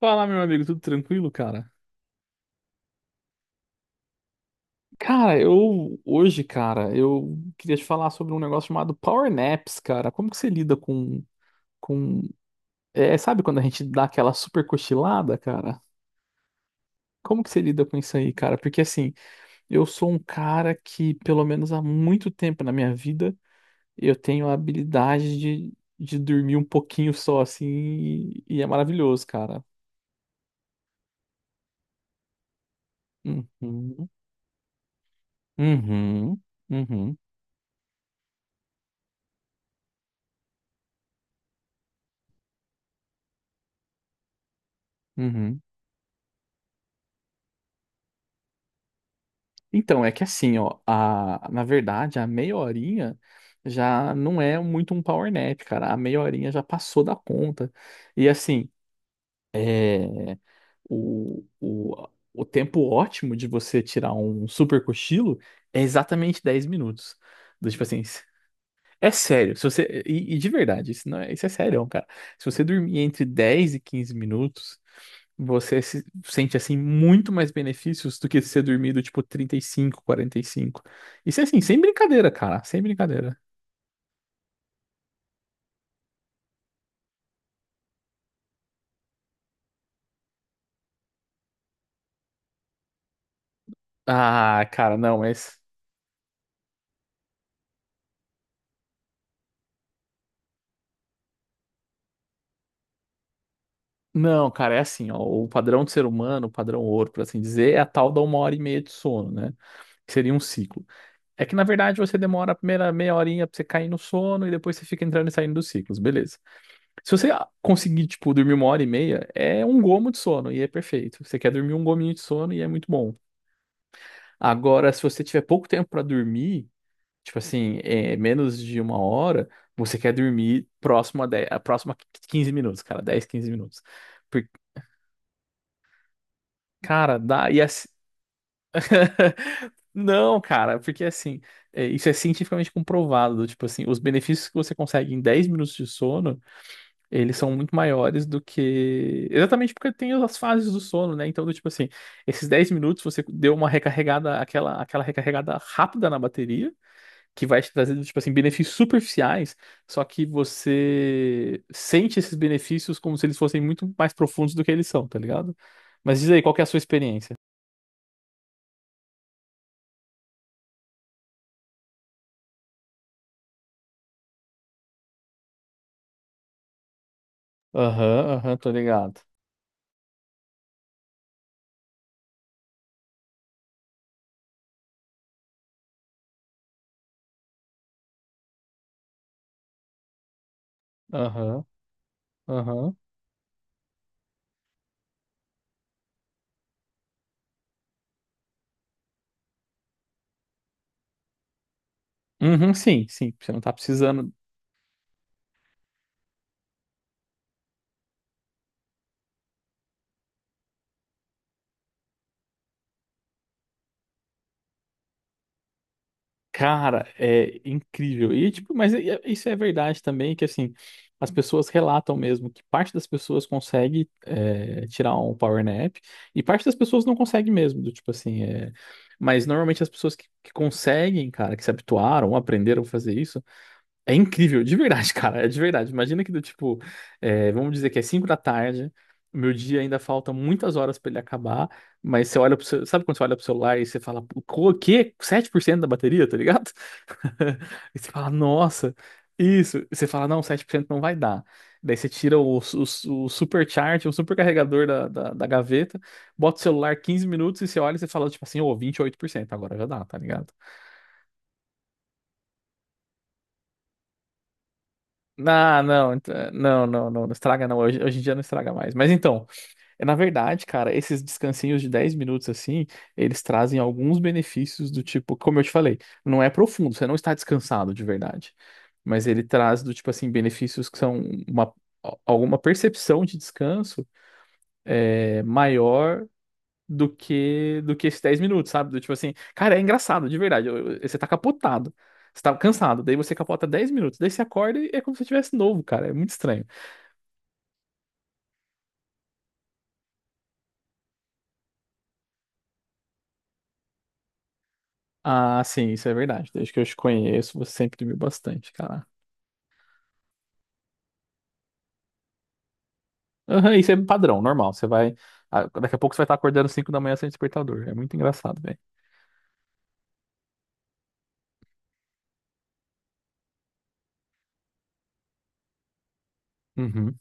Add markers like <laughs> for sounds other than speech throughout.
Fala, meu amigo, tudo tranquilo, cara? Cara, eu hoje, cara, eu queria te falar sobre um negócio chamado power naps, cara. Como que você lida com sabe quando a gente dá aquela super cochilada, cara? Como que você lida com isso aí, cara? Porque assim, eu sou um cara que, pelo menos há muito tempo na minha vida, eu tenho a habilidade de dormir um pouquinho só, assim, e é maravilhoso, cara. Uhum, uhum, uhum, uhum. Então, é que assim, ó, a, na verdade, a meia horinha já não é muito um power nap, cara. A meia horinha já passou da conta. E assim, é, o, o, o tempo ótimo de você tirar um super cochilo é exatamente 10 minutos. Tipo assim, é sério, se você. E de verdade, isso, não é, isso é sério, cara. Se você dormir entre 10 e 15 minutos, você se- sente assim muito mais benefícios do que se você dormir do tipo trinta e cinco, quarenta e cinco. Isso é assim, sem brincadeira, cara. Sem brincadeira. Ah, cara, não, mas. Não, cara, é assim, ó. O padrão do ser humano, o padrão ouro, por assim dizer, é a tal da uma hora e meia de sono, né? Que seria um ciclo. É que, na verdade, você demora a primeira meia horinha pra você cair no sono e depois você fica entrando e saindo dos ciclos, beleza. Se você conseguir, tipo, dormir uma hora e meia, é um gomo de sono e é perfeito. Você quer dormir um gominho de sono e é muito bom. Agora, se você tiver pouco tempo pra dormir, tipo assim, menos de uma hora, você quer dormir próximo a dez a próxima 15 minutos, cara, 10 15 minutos. Porque, cara, dá. E assim... <laughs> Não, cara, porque assim, isso é cientificamente comprovado. Tipo assim, os benefícios que você consegue em 10 minutos de sono, eles são muito maiores do que. Exatamente porque tem as fases do sono, né? Então, do tipo assim, esses 10 minutos você deu uma recarregada, aquela recarregada rápida na bateria, que vai te trazer, tipo assim, benefícios superficiais, só que você sente esses benefícios como se eles fossem muito mais profundos do que eles são, tá ligado? Mas diz aí, qual que é a sua experiência? Aham, aham, tô ligado. Aham, aham. Uhum, sim, sim. Você não tá precisando. Cara, é incrível. E, tipo, mas isso é verdade também, que assim, as pessoas relatam mesmo que parte das pessoas consegue tirar um power nap e parte das pessoas não consegue mesmo, do tipo assim, é... Mas normalmente as pessoas que conseguem, cara, que se habituaram, aprenderam a fazer isso, é incrível, de verdade, <laughs> cara, é de verdade. Imagina que do tipo, vamos dizer que é 5 da tarde, o meu dia ainda falta muitas horas pra ele acabar, mas você olha pro seu, sabe quando você olha pro celular e você fala, o quê? Sete por cento da bateria, tá ligado? <laughs> E você fala, nossa, isso. E você fala, não, 7% não vai dar. Daí você tira o supercharge, o supercarregador da, da, da gaveta, bota o celular 15 minutos e você olha e você fala, tipo assim, ô, 28% agora já dá, tá ligado? Ah, não, não, não, não, não estraga não, hoje, hoje em dia não estraga mais. Mas então, na verdade, cara, esses descansinhos de 10 minutos assim, eles trazem alguns benefícios do tipo, como eu te falei, não é profundo, você não está descansado de verdade, mas ele traz do tipo assim, benefícios que são uma, alguma percepção de descanso maior do que esses 10 minutos, sabe? Do tipo assim, cara, é engraçado, de verdade, você tá capotado. Você tá cansado, daí você capota 10 minutos, daí você acorda e é como se você tivesse novo, cara. É muito estranho. Ah, sim, isso é verdade. Desde que eu te conheço, você sempre dormiu bastante, cara. Aham, isso é padrão, normal. Você vai. Daqui a pouco você vai estar acordando às 5 da manhã sem despertador. É muito engraçado, velho. Uhum.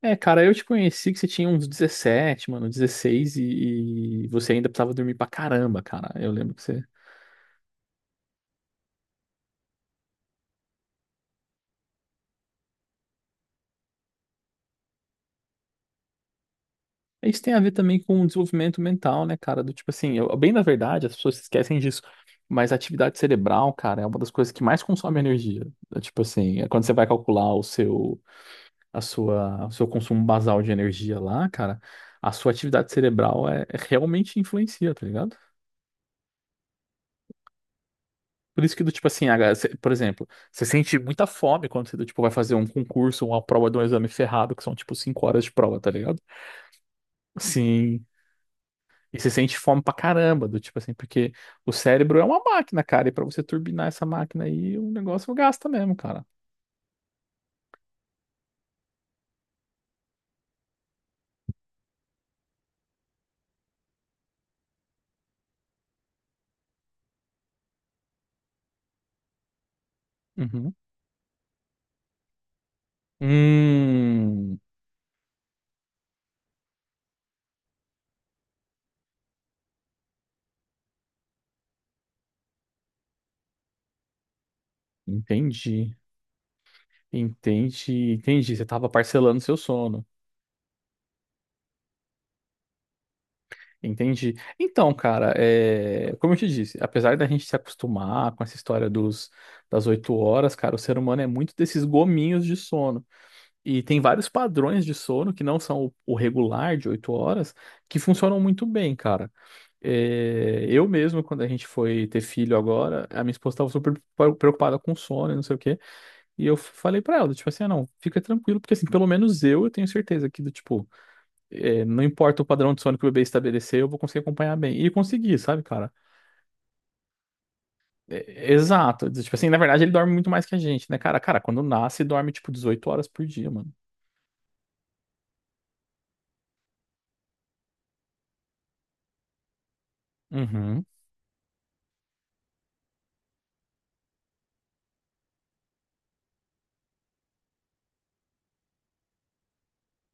É, cara, eu te conheci que você tinha uns 17, mano, 16 e você ainda precisava dormir pra caramba, cara. Eu lembro que você. Isso tem a ver também com o desenvolvimento mental, né, cara? Do tipo assim, bem na verdade, as pessoas se esquecem disso. Mas a atividade cerebral, cara, é uma das coisas que mais consome energia. É. Tipo assim, é quando você vai calcular o seu. A sua, o seu consumo basal de energia lá, cara, a sua atividade cerebral realmente influencia, tá ligado? Por isso que do tipo assim, por exemplo, você sente muita fome quando você do tipo vai fazer um concurso, uma prova de um exame ferrado, que são tipo cinco horas de prova, tá ligado? Sim. E você sente fome pra caramba, do tipo assim, porque o cérebro é uma máquina, cara, e pra você turbinar essa máquina aí, o negócio gasta mesmo, cara. Uhum. Hum, entendi. Entendi, entendi. Você tava parcelando seu sono. Entendi. Então, cara, como eu te disse, apesar da gente se acostumar com essa história das oito horas, cara, o ser humano é muito desses gominhos de sono. E tem vários padrões de sono que não são o regular de oito horas que funcionam muito bem, cara. É. Eu mesmo, quando a gente foi ter filho agora, a minha esposa estava preocupada com sono e não sei o quê. E eu falei pra ela, tipo assim, ah, não, fica tranquilo, porque assim, pelo menos eu tenho certeza que, do tipo, não importa o padrão de sono que o bebê estabelecer, eu vou conseguir acompanhar bem. E consegui, sabe, cara? É exato. Tipo assim, na verdade, ele dorme muito mais que a gente, né, cara? Cara, quando nasce, dorme, tipo, 18 horas por dia, mano. Uhum.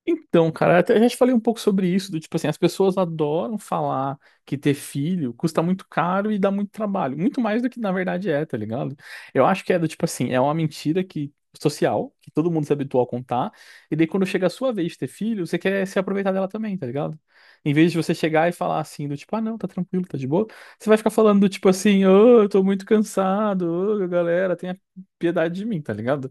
Então, cara, até já te falei um pouco sobre isso, do tipo assim, as pessoas adoram falar que ter filho custa muito caro e dá muito trabalho, muito mais do que na verdade é, tá ligado? Eu acho que é do tipo assim, é uma mentira que social, que todo mundo se habituou a contar, e daí quando chega a sua vez de ter filho, você quer se aproveitar dela também, tá ligado? Em vez de você chegar e falar assim, do tipo, ah, não, tá tranquilo, tá de boa, você vai ficar falando do tipo assim, ô, eu tô muito cansado, ô, galera, tenha piedade de mim, tá ligado?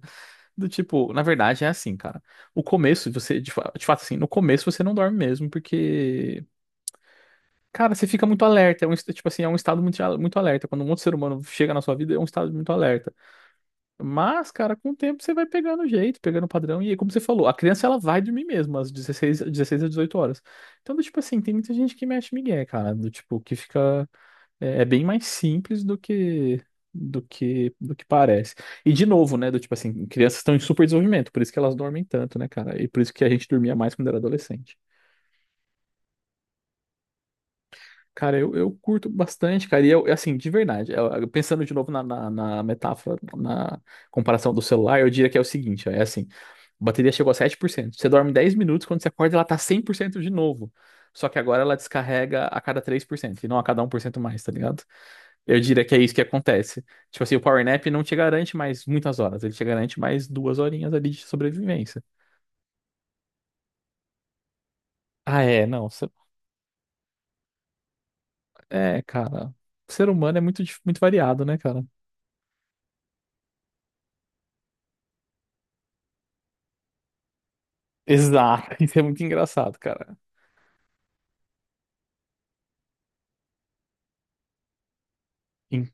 Do tipo, na verdade é assim, cara. O começo, você, de fato, assim, no começo você não dorme mesmo, porque, cara, você fica muito alerta. É um, tipo assim, é um estado muito, muito alerta. Quando um outro ser humano chega na sua vida, é um estado muito alerta. Mas, cara, com o tempo você vai pegando o jeito, pegando o padrão. E aí, como você falou, a criança ela vai dormir mesmo, às 16 a 18 horas. Então, do tipo assim, tem muita gente que mexe migué, cara. Do tipo, que fica. É, é bem mais simples do que parece. E de novo, né, do tipo assim, crianças estão em super desenvolvimento, por isso que elas dormem tanto, né, cara? E por isso que a gente dormia mais quando era adolescente. Cara, eu curto bastante, cara. E eu, assim, de verdade, eu pensando de novo na, na, na metáfora, na comparação do celular, eu diria que é o seguinte, ó, é assim, a bateria chegou a 7%. Você dorme 10 minutos, quando você acorda ela tá 100% de novo. Só que agora ela descarrega a cada 3% e não a cada um por cento mais, tá ligado? Eu diria que é isso que acontece. Tipo assim, o Power Nap não te garante mais muitas horas, ele te garante mais duas horinhas ali de sobrevivência. Ah, é, não. Cê- é, cara. O ser humano é muito, muito variado, né, cara? Exato. <laughs> Isso é muito engraçado, cara. Em-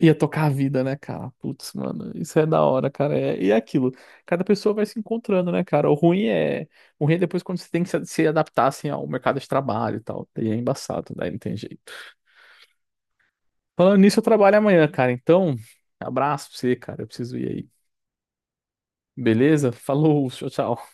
Ia tocar a vida, né, cara? Putz, mano, isso é da hora, cara. É... E é aquilo. Cada pessoa vai se encontrando, né, cara? O ruim é. O ruim é depois quando você tem que se adaptar, assim, ao mercado de trabalho e tal. Daí é embaçado, daí não tem jeito. Falando nisso, eu trabalho amanhã, cara. Então, abraço pra você, cara. Eu preciso ir aí. Beleza? Falou, tchau, tchau.